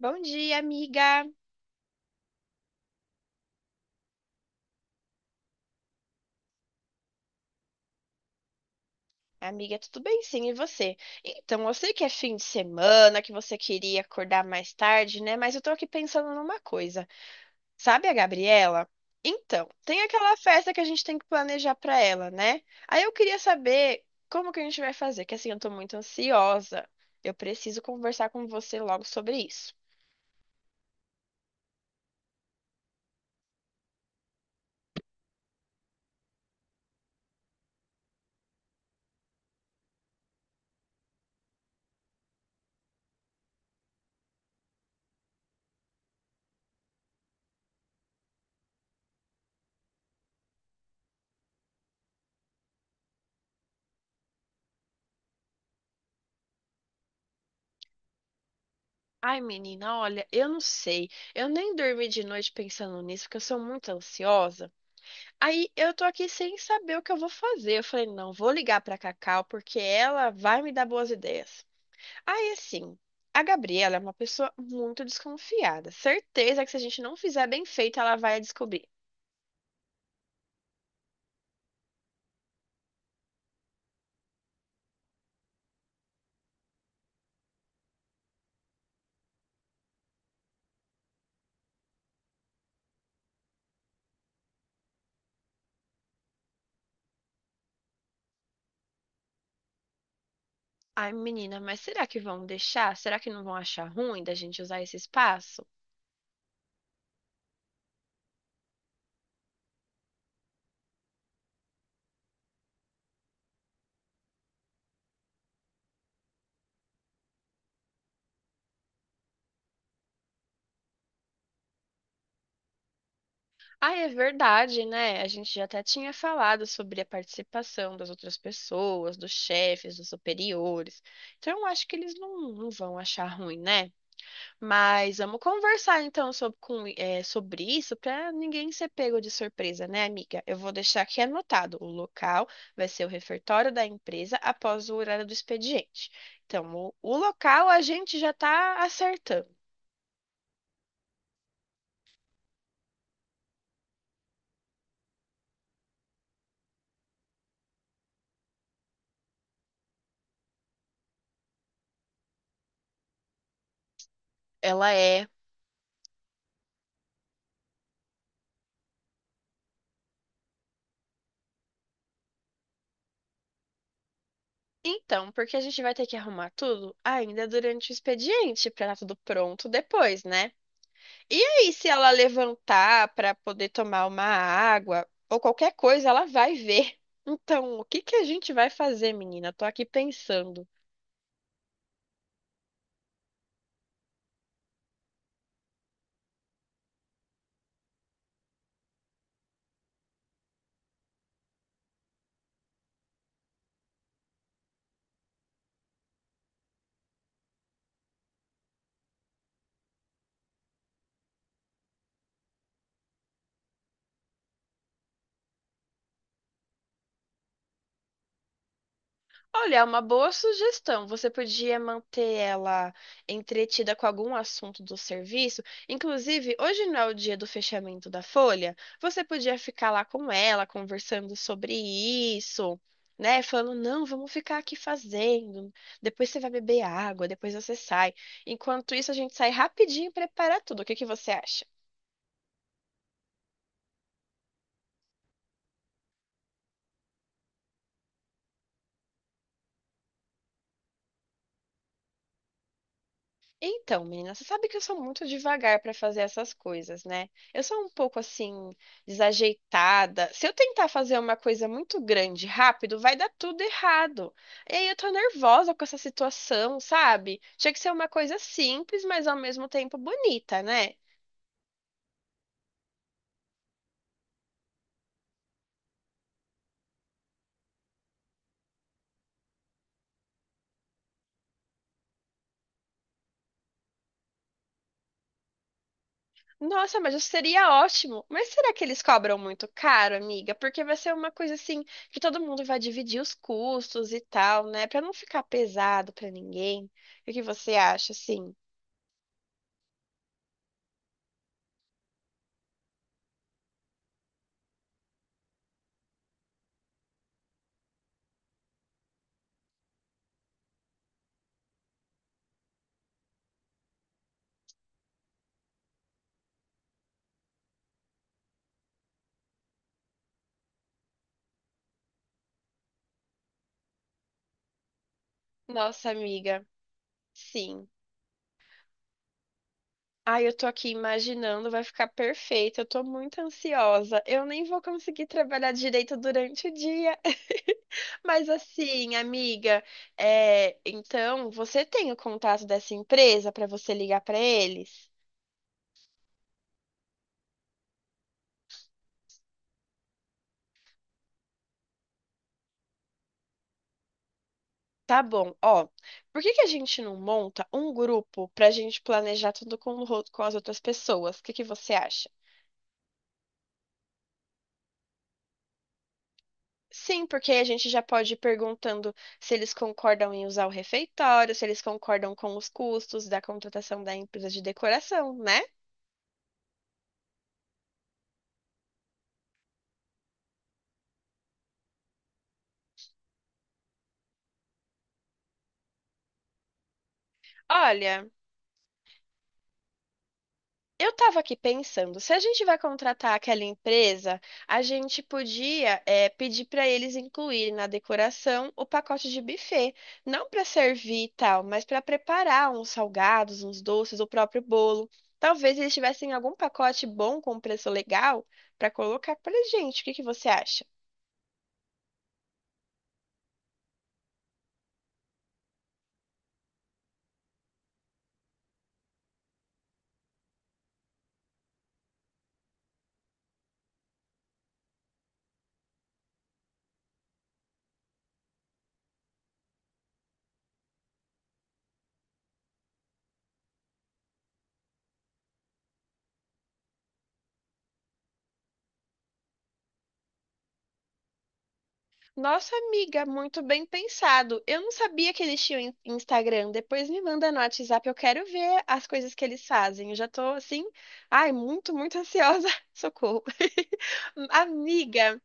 Bom dia, amiga. Amiga, tudo bem? Sim, e você? Então, eu sei que é fim de semana, que você queria acordar mais tarde, né? Mas eu tô aqui pensando numa coisa. Sabe a Gabriela? Então, tem aquela festa que a gente tem que planejar pra ela, né? Aí eu queria saber como que a gente vai fazer, que assim, eu tô muito ansiosa. Eu preciso conversar com você logo sobre isso. Ai, menina, olha, eu não sei. Eu nem dormi de noite pensando nisso, porque eu sou muito ansiosa. Aí eu tô aqui sem saber o que eu vou fazer. Eu falei, não, vou ligar pra Cacau porque ela vai me dar boas ideias. Aí assim, a Gabriela é uma pessoa muito desconfiada. Certeza que se a gente não fizer bem feito, ela vai descobrir. Ai, menina, mas será que vão deixar? Será que não vão achar ruim da gente usar esse espaço? Ai é verdade, né? A gente já até tinha falado sobre a participação das outras pessoas, dos chefes, dos superiores. Então, eu acho que eles não, não vão achar ruim, né? Mas vamos conversar então sobre, sobre isso para ninguém ser pego de surpresa, né, amiga? Eu vou deixar aqui anotado. O local vai ser o refeitório da empresa após o horário do expediente. Então, o local a gente já está acertando. Ela é. Então, porque a gente vai ter que arrumar tudo ainda durante o expediente para estar tudo pronto depois, né? E aí, se ela levantar para poder tomar uma água ou qualquer coisa, ela vai ver. Então, o que que a gente vai fazer, menina? Tô aqui pensando. Olha, é uma boa sugestão. Você podia manter ela entretida com algum assunto do serviço. Inclusive, hoje não é o dia do fechamento da folha. Você podia ficar lá com ela, conversando sobre isso, né? Falando, não, vamos ficar aqui fazendo. Depois você vai beber água, depois você sai. Enquanto isso, a gente sai rapidinho e prepara tudo. O que que você acha? Então, menina, você sabe que eu sou muito devagar para fazer essas coisas, né? Eu sou um pouco assim, desajeitada. Se eu tentar fazer uma coisa muito grande rápido, vai dar tudo errado. E aí eu tô nervosa com essa situação, sabe? Tinha que ser uma coisa simples, mas ao mesmo tempo bonita, né? Nossa, mas isso seria ótimo. Mas será que eles cobram muito caro, amiga? Porque vai ser uma coisa assim que todo mundo vai dividir os custos e tal, né? Para não ficar pesado para ninguém. O que você acha, assim? Nossa, amiga, sim. Ai, eu tô aqui imaginando, vai ficar perfeito. Eu tô muito ansiosa. Eu nem vou conseguir trabalhar direito durante o dia. Mas assim, amiga, é, então você tem o contato dessa empresa pra você ligar pra eles? Tá bom, ó. Por que que a gente não monta um grupo pra gente planejar tudo com, com as outras pessoas? O que que você acha? Sim, porque aí a gente já pode ir perguntando se eles concordam em usar o refeitório, se eles concordam com os custos da contratação da empresa de decoração, né? Olha, eu tava aqui pensando, se a gente vai contratar aquela empresa, a gente podia, pedir para eles incluírem na decoração o pacote de buffet, não para servir e tal, mas para preparar uns salgados, uns doces, o próprio bolo. Talvez eles tivessem algum pacote bom com preço legal para colocar pra gente. O que que você acha? Nossa amiga, muito bem pensado. Eu não sabia que eles tinham Instagram. Depois me manda no WhatsApp, eu quero ver as coisas que eles fazem. Eu já tô assim, ai, muito, muito ansiosa. Socorro. Amiga.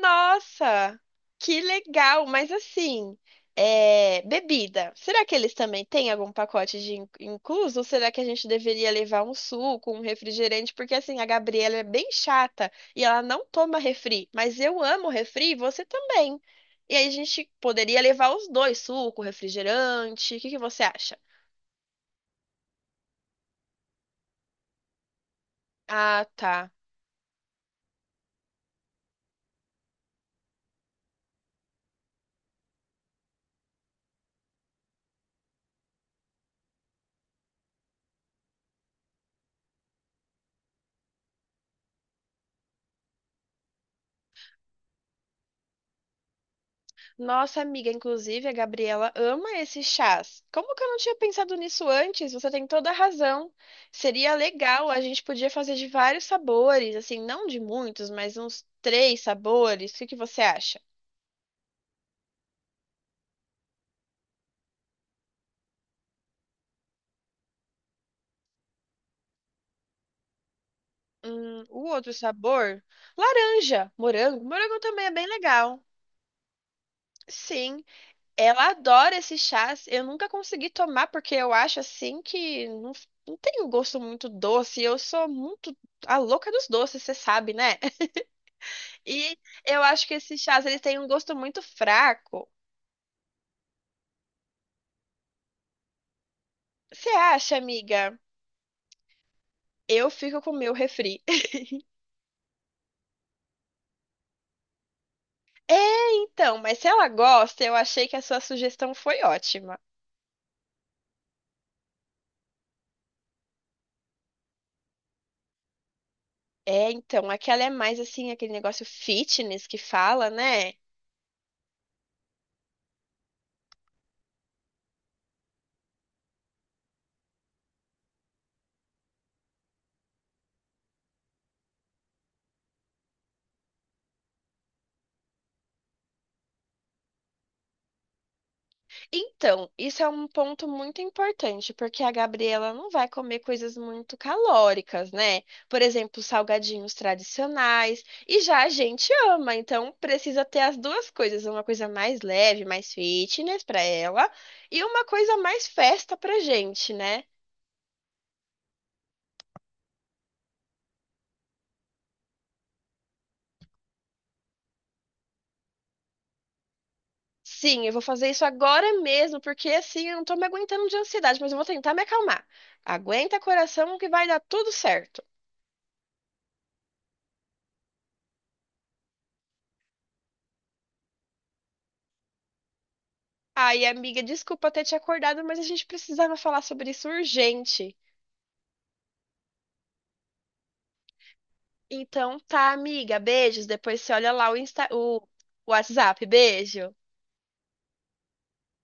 Nossa, que legal! Mas assim, é, bebida. Será que eles também têm algum pacote de incluso? Ou será que a gente deveria levar um suco, um refrigerante? Porque assim, a Gabriela é bem chata e ela não toma refri. Mas eu amo refri e você também. E aí a gente poderia levar os dois, suco, refrigerante. O que que você acha? Ah, tá. Nossa amiga, inclusive a Gabriela ama esses chás. Como que eu não tinha pensado nisso antes? Você tem toda a razão. Seria legal, a gente podia fazer de vários sabores, assim, não de muitos, mas uns três sabores. O que que você acha? O outro sabor? Laranja, morango. Morango também é bem legal. Sim, ela adora esses chás. Eu nunca consegui tomar porque eu acho assim que não, não tem um gosto muito doce. Eu sou muito a louca dos doces, você sabe, né? E eu acho que esses chás, eles têm um gosto muito fraco. Você acha, amiga? Eu fico com o meu refri. É, então, mas se ela gosta, eu achei que a sua sugestão foi ótima. É, então, aquela é mais assim, aquele negócio fitness que fala, né? Então, isso é um ponto muito importante, porque a Gabriela não vai comer coisas muito calóricas, né? Por exemplo, salgadinhos tradicionais, e já a gente ama, então precisa ter as duas coisas, uma coisa mais leve, mais fitness para ela, e uma coisa mais festa pra gente, né? Sim, eu vou fazer isso agora mesmo, porque assim eu não tô me aguentando de ansiedade, mas eu vou tentar me acalmar. Aguenta coração que vai dar tudo certo. Ai, amiga, desculpa ter te acordado, mas a gente precisava falar sobre isso urgente. Então tá, amiga, beijos. Depois você olha lá o Insta, o WhatsApp. Beijo.